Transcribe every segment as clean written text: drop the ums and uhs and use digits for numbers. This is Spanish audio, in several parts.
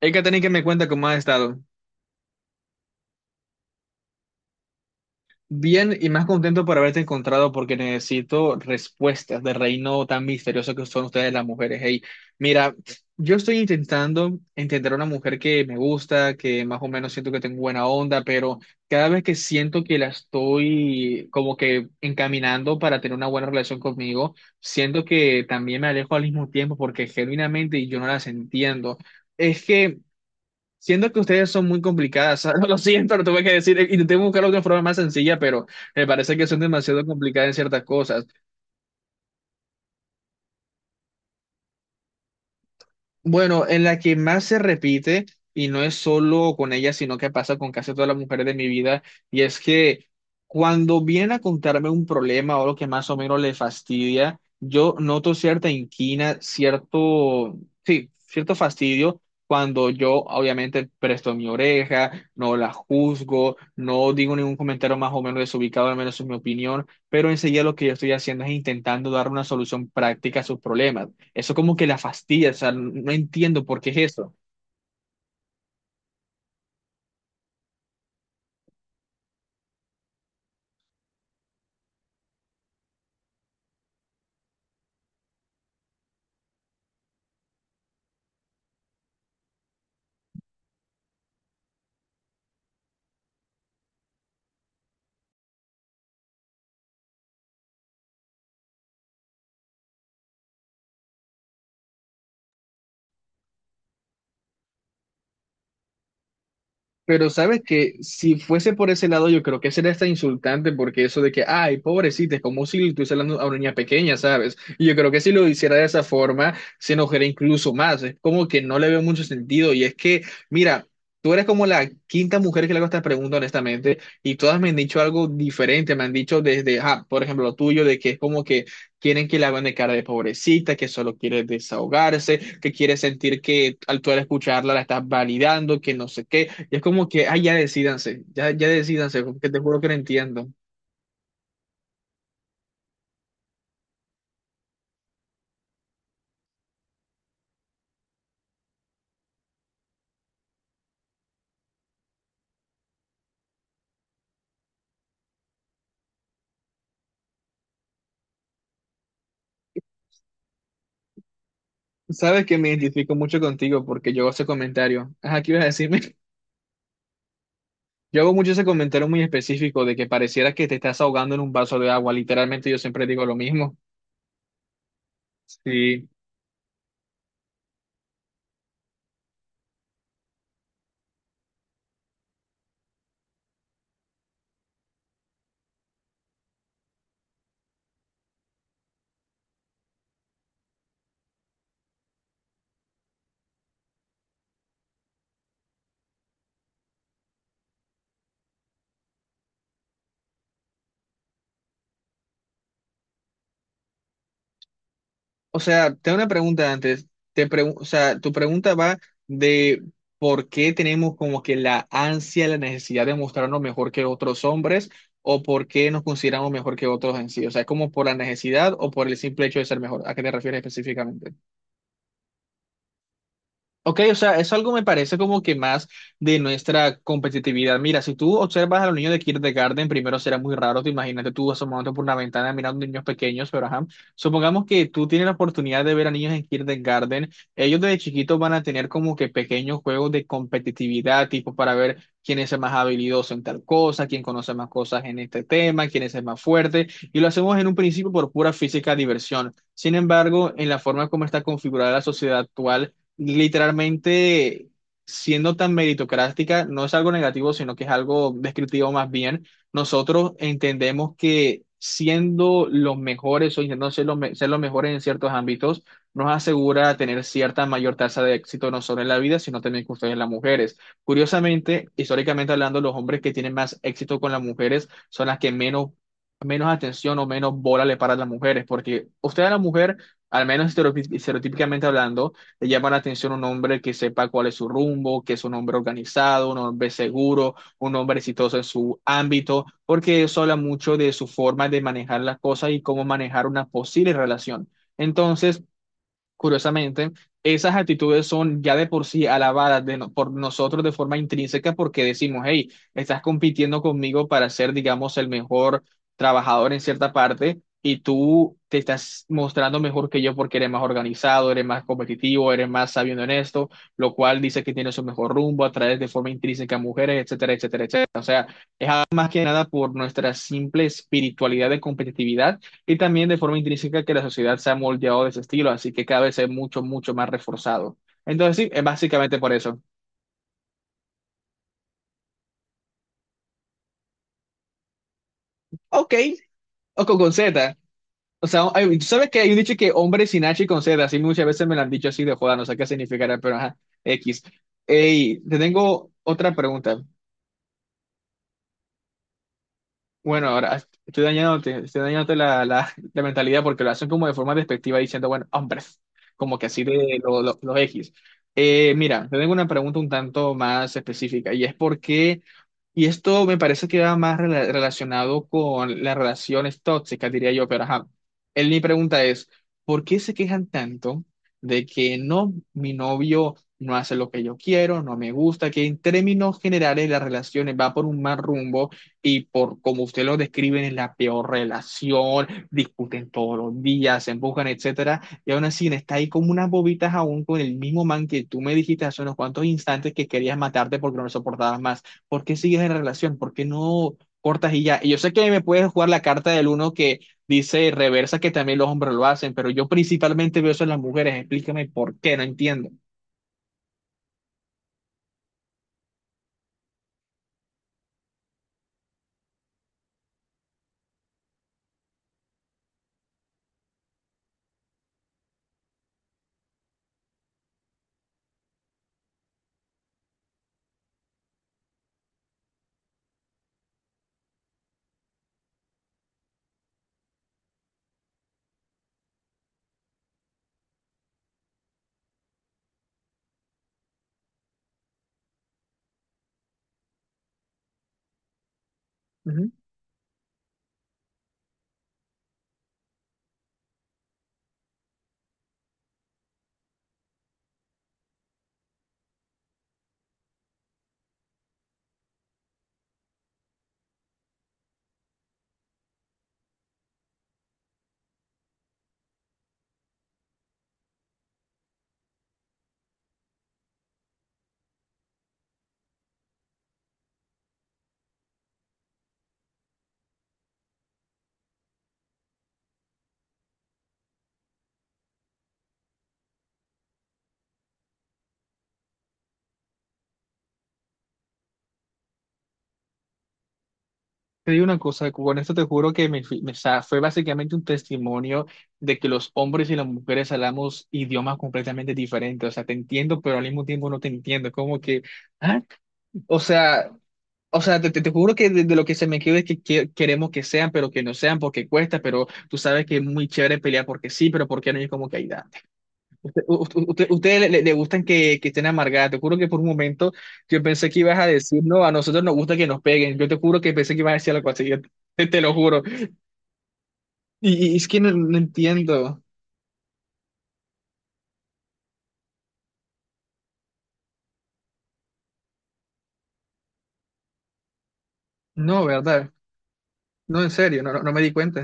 Hey, Katherine, que me cuenta cómo has estado. Bien y más contento por haberte encontrado porque necesito respuestas del reino tan misterioso que son ustedes las mujeres. Hey, mira, yo estoy intentando entender a una mujer que me gusta, que más o menos siento que tengo buena onda, pero cada vez que siento que la estoy como que encaminando para tener una buena relación conmigo, siento que también me alejo al mismo tiempo porque genuinamente yo no las entiendo. Es que siento que ustedes son muy complicadas, lo siento, lo tuve que decir, intenté buscar otra forma más sencilla, pero me parece que son demasiado complicadas en ciertas cosas. Bueno, en la que más se repite, y no es solo con ella, sino que pasa con casi todas las mujeres de mi vida, y es que cuando vienen a contarme un problema o lo que más o menos le fastidia, yo noto cierta inquina, cierto, sí, cierto fastidio cuando yo obviamente presto mi oreja, no la juzgo, no digo ningún comentario más o menos desubicado, al menos es mi opinión, pero enseguida lo que yo estoy haciendo es intentando dar una solución práctica a sus problemas. Eso como que la fastidia, o sea, no entiendo por qué es eso. Pero sabes que si fuese por ese lado, yo creo que sería hasta insultante, porque eso de que, ay, pobrecita, es como si le estuviese hablando a una niña pequeña, ¿sabes? Y yo creo que si lo hiciera de esa forma, se enojaría incluso más. Es como que no le veo mucho sentido. Y es que, mira, tú eres como la quinta mujer que le hago esta pregunta, honestamente, y todas me han dicho algo diferente. Me han dicho desde, ah, por ejemplo, lo tuyo, de que es como que quieren que le hagan de cara de pobrecita, que solo quiere desahogarse, que quiere sentir que al tú al escucharla la estás validando, que no sé qué. Y es como que, ay, ya decídanse, ya decídanse, porque te juro que no entiendo. Sabes que me identifico mucho contigo porque yo hago ese comentario. Ajá, ¿qué ibas a decirme? Yo hago mucho ese comentario muy específico de que pareciera que te estás ahogando en un vaso de agua. Literalmente yo siempre digo lo mismo. Sí. O sea, tengo una pregunta antes. O sea, tu pregunta va de por qué tenemos como que la ansia, la necesidad de mostrarnos mejor que otros hombres o por qué nos consideramos mejor que otros en sí. O sea, ¿es como por la necesidad o por el simple hecho de ser mejor? ¿A qué te refieres específicamente? Ok, o sea, eso algo me parece como que más de nuestra competitividad. Mira, si tú observas a los niños de kindergarten, primero será muy raro, te imagínate tú asomándote por una ventana mirando niños pequeños, pero ajá, supongamos que tú tienes la oportunidad de ver a niños en kindergarten, ellos desde chiquitos van a tener como que pequeños juegos de competitividad, tipo para ver quién es el más habilidoso en tal cosa, quién conoce más cosas en este tema, quién es el más fuerte, y lo hacemos en un principio por pura física diversión. Sin embargo, en la forma como está configurada la sociedad actual, literalmente siendo tan meritocrática, no es algo negativo, sino que es algo descriptivo más bien. Nosotros entendemos que siendo los mejores o intentando ser los, ser los mejores en ciertos ámbitos, nos asegura tener cierta mayor tasa de éxito no solo en la vida, sino también con ustedes las mujeres. Curiosamente, históricamente hablando, los hombres que tienen más éxito con las mujeres son las que menos, menos atención o menos bola le paran a las mujeres, porque usted a la mujer, al menos estereotípicamente hablando, le llama la atención un hombre que sepa cuál es su rumbo, que es un hombre organizado, un hombre seguro, un hombre exitoso en su ámbito, porque eso habla mucho de su forma de manejar las cosas y cómo manejar una posible relación. Entonces, curiosamente, esas actitudes son ya de por sí alabadas de por nosotros de forma intrínseca porque decimos, hey, estás compitiendo conmigo para ser, digamos, el mejor trabajador en cierta parte y tú te estás mostrando mejor que yo porque eres más organizado, eres más competitivo, eres más sabiendo en esto, lo cual dice que tienes un mejor rumbo, atraes de forma intrínseca a mujeres, etcétera, etcétera, etcétera más que nada por nuestra simple espiritualidad de competitividad y también de forma intrínseca que la sociedad se ha moldeado de ese estilo, así que cada vez es mucho, mucho más reforzado. Entonces sí, es básicamente por eso. Ok, o con Z. O sea, hay- tú sabes que hay un dicho que hombre sin H y con Z, así muchas veces me lo han dicho así de joda, no sé qué significará, pero ajá, X. Ey, te tengo otra pregunta. Bueno, ahora estoy dañándote la mentalidad porque lo hacen como de forma despectiva diciendo, bueno, hombres, como que así de los X. Mira, te tengo una pregunta un tanto más específica y es por qué y esto me parece que va más relacionado con las relaciones tóxicas, diría yo, pero ajá. Él, mi pregunta es, ¿por qué se quejan tanto de que no, mi novio no hace lo que yo quiero, no me gusta, que en términos generales las relaciones va por un mal rumbo y por como usted lo describen es la peor relación, discuten todos los días, se empujan, etcétera, y aún así está ahí como unas bobitas aún con el mismo man que tú me dijiste hace unos cuantos instantes que querías matarte porque no lo soportabas más? ¿Por qué sigues en la relación? ¿Por qué no cortas y ya? Y yo sé que me puedes jugar la carta del uno que dice reversa, que también los hombres lo hacen, pero yo principalmente veo eso en las mujeres. Explícame por qué, no entiendo. Ujú. Te digo una cosa, con esto te juro que o sea, fue básicamente un testimonio de que los hombres y las mujeres hablamos idiomas completamente diferentes. O sea, te entiendo, pero al mismo tiempo no te entiendo. Como que, ¿ah? O sea, o sea, te juro que de lo que se me quede es que, queremos que sean, pero que no sean porque cuesta, pero tú sabes que es muy chévere pelear porque sí, pero porque no es como que hay da. Usted, ustedes le, le gustan que estén amargadas. Te juro que por un momento yo pensé que ibas a decir, no, a nosotros nos gusta que nos peguen. Yo te juro que pensé que ibas a decir algo así, yo te lo juro. Y es que no, no entiendo. No, ¿verdad? No, en serio, no, no, no me di cuenta.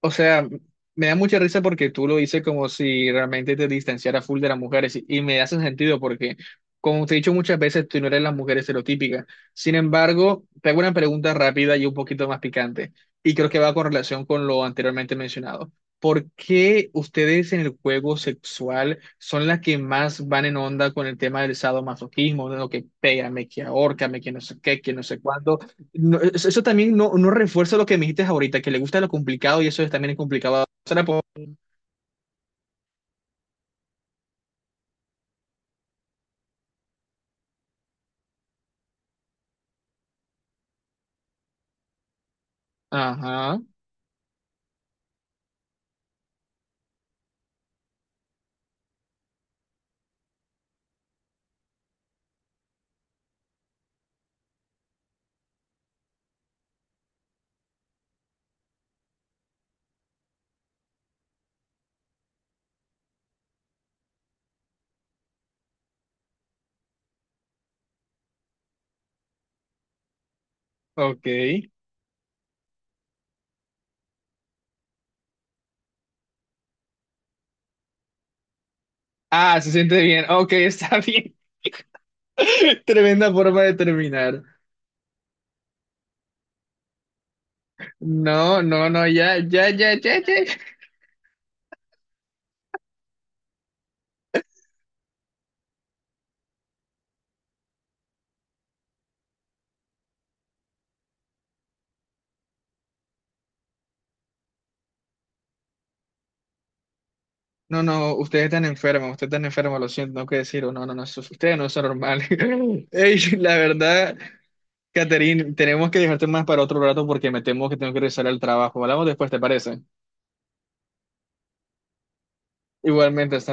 O sea, me da mucha risa porque tú lo dices como si realmente te distanciara full de las mujeres y me hace sentido porque, como te he dicho muchas veces, tú no eres la mujer estereotípica. Sin embargo, te hago una pregunta rápida y un poquito más picante y creo que va con relación con lo anteriormente mencionado. ¿Por qué ustedes en el juego sexual son las que más van en onda con el tema del sadomasoquismo, de lo que pégame, que ahórcame, que no sé qué, que no sé cuándo? No, eso eso también no, no refuerza lo que me dijiste ahorita, que le gusta lo complicado y eso también es complicado. Se la puedo- Ajá, ok. Ah, se siente bien. Ok, está bien. Tremenda forma de terminar. No, no, no, ya, ya, ya, ya, ya. No, no, ustedes están enfermos, lo siento, no que decirlo. No, no, no, ustedes no son normales. Ey, la verdad, Catherine, tenemos que dejarte más para otro rato porque me temo que tengo que regresar al trabajo. Hablamos después, ¿te parece? Igualmente, hasta